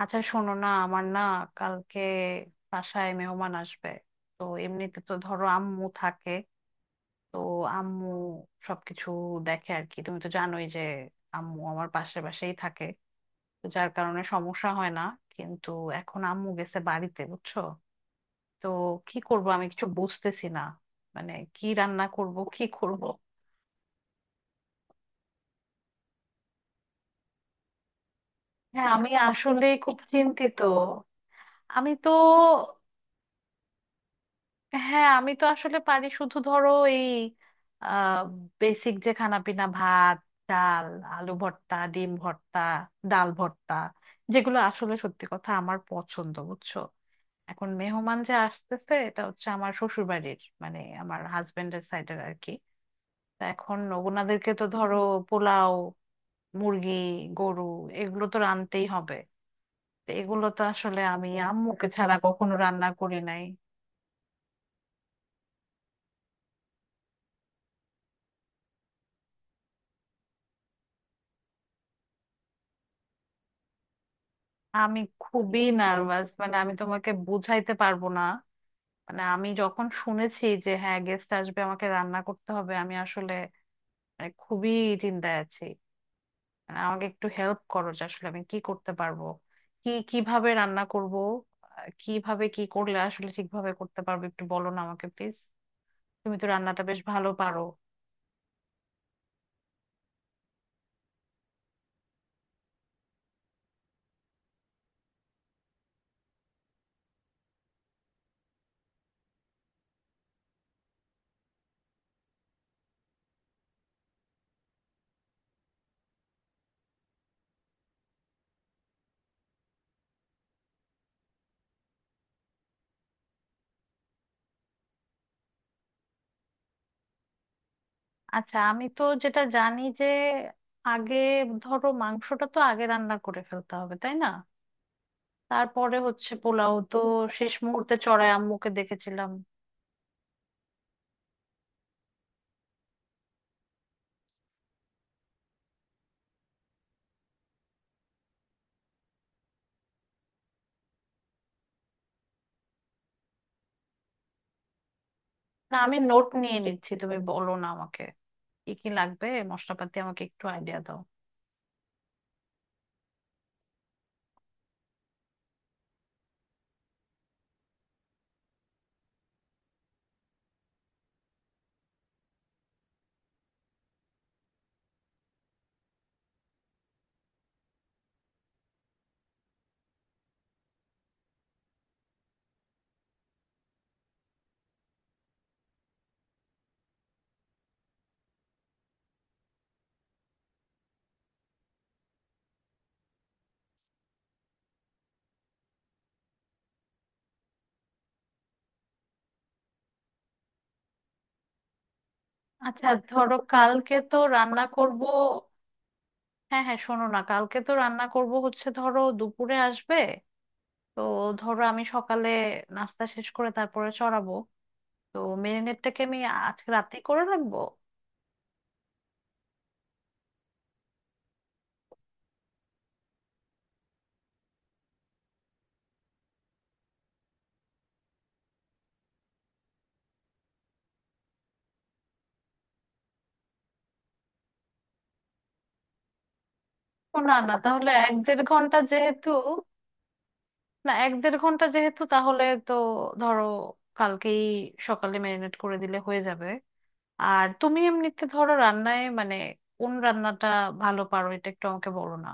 আচ্ছা শোনো না, আমার না কালকে বাসায় মেহমান আসবে। তো এমনিতে তো ধরো আম্মু থাকে, তো আম্মু সবকিছু দেখে আর কি। তুমি তো জানোই যে আম্মু আমার পাশে পাশেই থাকে, তো যার কারণে সমস্যা হয় না। কিন্তু এখন আম্মু গেছে বাড়িতে বুঝছো। তো কি করব আমি কিছু বুঝতেছি না। মানে কি রান্না করব কি করব। হ্যাঁ, আমি আসলে খুব চিন্তিত। আমি তো। হ্যাঁ, আমি তো আসলে পারি শুধু ধরো এই বেসিক যে খানা পিনা, ভাত, ডাল, আলু ভর্তা, ডিম ভর্তা, ডাল ভর্তা, যেগুলো আসলে সত্যি কথা আমার পছন্দ বুঝছো। এখন মেহমান যে আসতেছে, এটা হচ্ছে আমার শ্বশুর বাড়ির, মানে আমার হাজবেন্ডের সাইডের আর কি। তা এখন ওনাদেরকে তো ধরো পোলাও, মুরগি, গরু, এগুলো তো রানতেই হবে। তো এগুলো তো আসলে আমি আম্মুকে ছাড়া কখনো রান্না করি নাই। আমি খুবই নার্ভাস, মানে আমি তোমাকে বুঝাইতে পারবো না। মানে আমি যখন শুনেছি যে হ্যাঁ গেস্ট আসবে, আমাকে রান্না করতে হবে, আমি আসলে মানে খুবই চিন্তায় আছি। মানে আমাকে একটু হেল্প করো যে আসলে আমি কি করতে পারবো, কি কিভাবে রান্না করব। কিভাবে কি করলে আসলে ঠিকভাবে করতে পারবো একটু বলো না আমাকে প্লিজ। তুমি তো রান্নাটা বেশ ভালো পারো। আচ্ছা, আমি তো যেটা জানি যে আগে ধরো মাংসটা তো আগে রান্না করে ফেলতে হবে তাই না। তারপরে হচ্ছে পোলাও তো শেষ মুহূর্তে চড়াই আম্মুকে দেখেছিলাম। না, আমি নোট নিয়ে নিচ্ছি, তুমি বলো না আমাকে কি কি লাগবে মশলাপাতি, আমাকে একটু আইডিয়া দাও। আচ্ছা ধরো কালকে তো রান্না করব। হ্যাঁ হ্যাঁ, শোনো না, কালকে তো রান্না করব হচ্ছে ধরো দুপুরে আসবে। তো ধরো আমি সকালে নাস্তা শেষ করে তারপরে চড়াবো। তো মেরিনেটটাকে আমি আজকে রাতেই করে রাখবো। ও না না, তাহলে এক দেড় ঘন্টা যেহেতু, না এক দেড় ঘন্টা যেহেতু তাহলে তো ধরো কালকেই সকালে ম্যারিনেট করে দিলে হয়ে যাবে। আর তুমি এমনিতে ধরো রান্নায় মানে কোন রান্নাটা ভালো পারো এটা একটু আমাকে বলো না।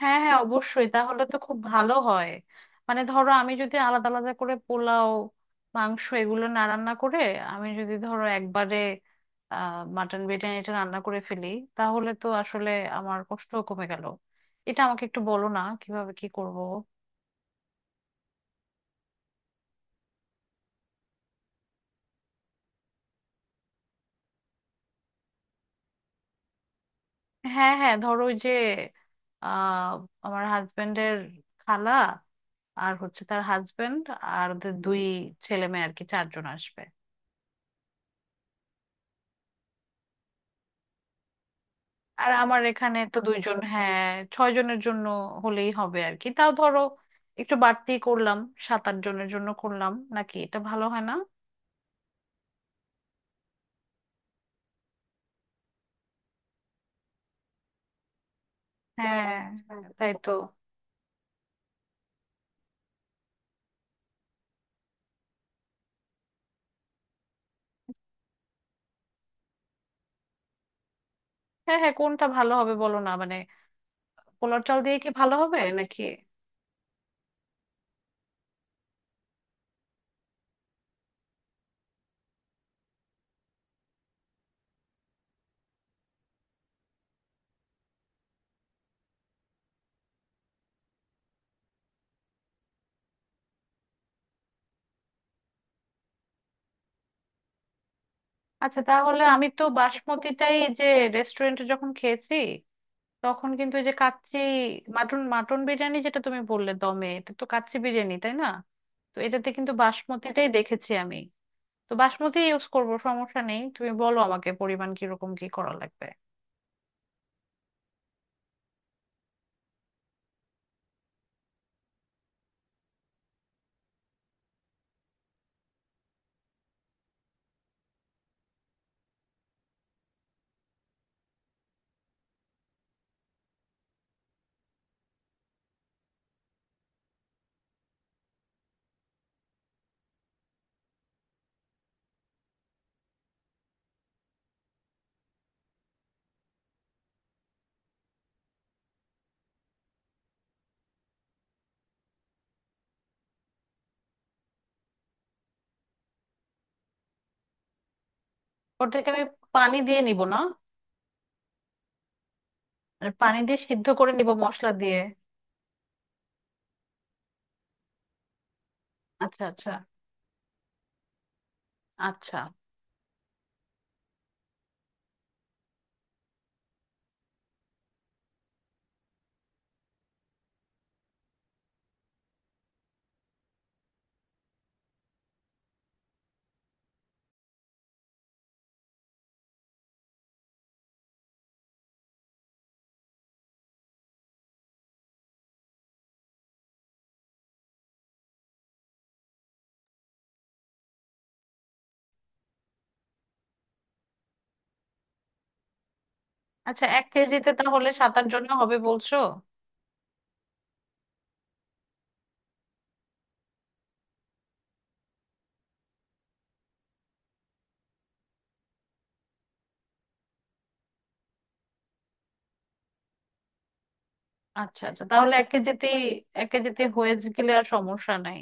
হ্যাঁ হ্যাঁ অবশ্যই, তাহলে তো খুব ভালো হয়। মানে ধরো আমি যদি আলাদা আলাদা করে পোলাও, মাংস এগুলো না রান্না করে আমি যদি ধরো একবারে মাটন বিরিয়ানিটা রান্না করে ফেলি, তাহলে তো আসলে আমার কষ্ট কমে গেল। এটা আমাকে একটু বলো না কিভাবে কি করব। হ্যাঁ হ্যাঁ, ধরো ওই যে আহ আমার হাজবেন্ডের খালা আর হচ্ছে তার হাজবেন্ড, আর ওদের দুই ছেলে মেয়ে আর কি, চারজন আসবে। আর আমার এখানে তো দুইজন, হ্যাঁ। ছয় জনের জন্য হলেই হবে আর কি, তাও ধরো একটু বাড়তি করলাম, সাত আট জনের জন্য করলাম নাকি, এটা ভালো হয় না? হ্যাঁ হ্যাঁ, তাই তো। হ্যাঁ হ্যাঁ, কোনটা ভালো হবে বলো না, মানে পোলার চাল দিয়ে কি ভালো হবে নাকি। আচ্ছা তাহলে আমি তো বাসমতিটাই যে রেস্টুরেন্টে যখন খেয়েছি তখন কিন্তু, এই যে কাচ্চি মাটন মাটন বিরিয়ানি যেটা তুমি বললে দমে, এটা তো কাচ্চি বিরিয়ানি তাই না। তো এটাতে কিন্তু বাসমতিটাই দেখেছি আমি। তো বাসমতি ইউজ করব সমস্যা নেই, তুমি বলো আমাকে পরিমাণ কিরকম কি করা লাগবে। ওটাকে আমি পানি দিয়ে নিব না? আর পানি দিয়ে সিদ্ধ করে নিব মশলা দিয়ে। আচ্ছা আচ্ছা। আচ্ছা আচ্ছা, এক কেজিতে তাহলে 7-8 জন হবে বলছো? আচ্ছা আচ্ছা, তাহলে 1 কেজিতে, এক কেজিতে হয়ে গেলে আর সমস্যা নাই।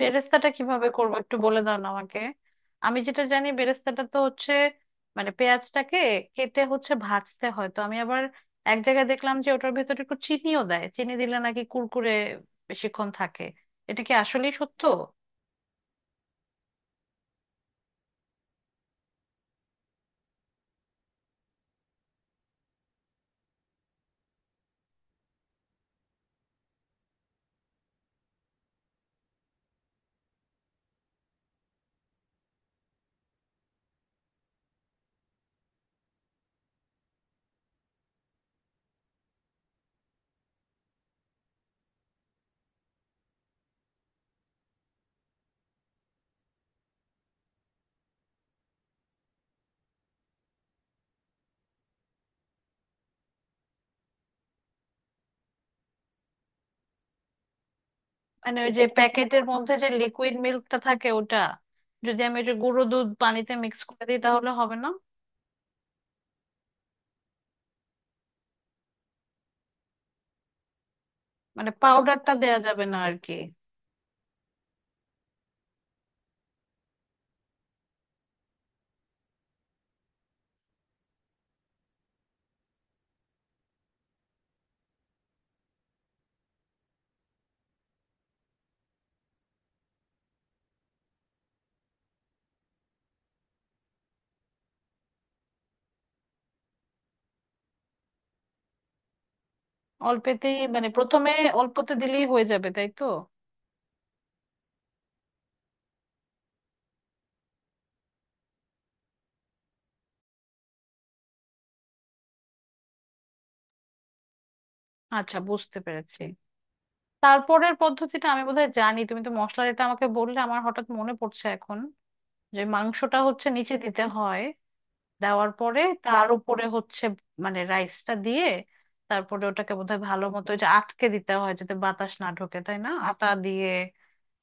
বেরেস্তাটা কিভাবে করবো একটু বলে দাও না আমাকে। আমি যেটা জানি বেরেস্তাটা তো হচ্ছে মানে পেঁয়াজটাকে কেটে হচ্ছে ভাজতে হয়, তো আমি আবার এক জায়গায় দেখলাম যে ওটার ভেতরে একটু চিনিও দেয়, চিনি দিলে নাকি কুরকুরে বেশিক্ষণ থাকে, এটা কি আসলেই সত্য? মানে ওই যে প্যাকেটের মধ্যে যে লিকুইড মিল্কটা থাকে ওটা, যদি আমি ওই যে গুঁড়ো দুধ পানিতে মিক্স করে দিই তাহলে হবে না? মানে পাউডারটা দেয়া যাবে না আর কি। অল্পেতেই, মানে প্রথমে অল্পতে দিলেই হয়ে যাবে তাই তো? আচ্ছা, বুঝতে পেরেছি। তারপরের পদ্ধতিটা আমি বোধহয় জানি। তুমি তো মশলার এটা আমাকে বললে আমার হঠাৎ মনে পড়ছে এখন, যে মাংসটা হচ্ছে নিচে দিতে হয়, দেওয়ার পরে তার উপরে হচ্ছে মানে রাইসটা দিয়ে, তারপরে ওটাকে বোধহয় ভালো মতো ওই যে আটকে দিতে হয় যাতে বাতাস না ঢোকে তাই না, আটা দিয়ে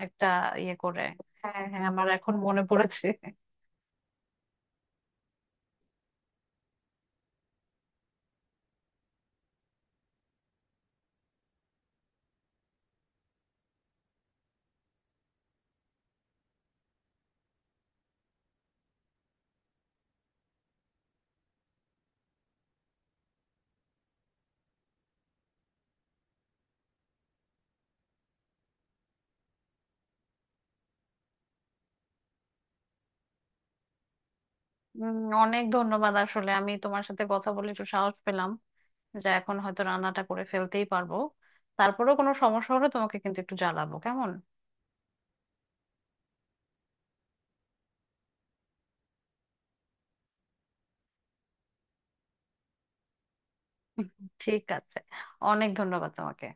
একটা ইয়ে করে। হ্যাঁ হ্যাঁ, আমার এখন মনে পড়েছে। উম, অনেক ধন্যবাদ, আসলে আমি তোমার সাথে কথা বলে একটু সাহস পেলাম যে এখন হয়তো রান্নাটা করে ফেলতেই পারবো। তারপরেও কোনো সমস্যা হলে তোমাকে কিন্তু একটু জানাবো, কেমন? ঠিক আছে, অনেক ধন্যবাদ তোমাকে।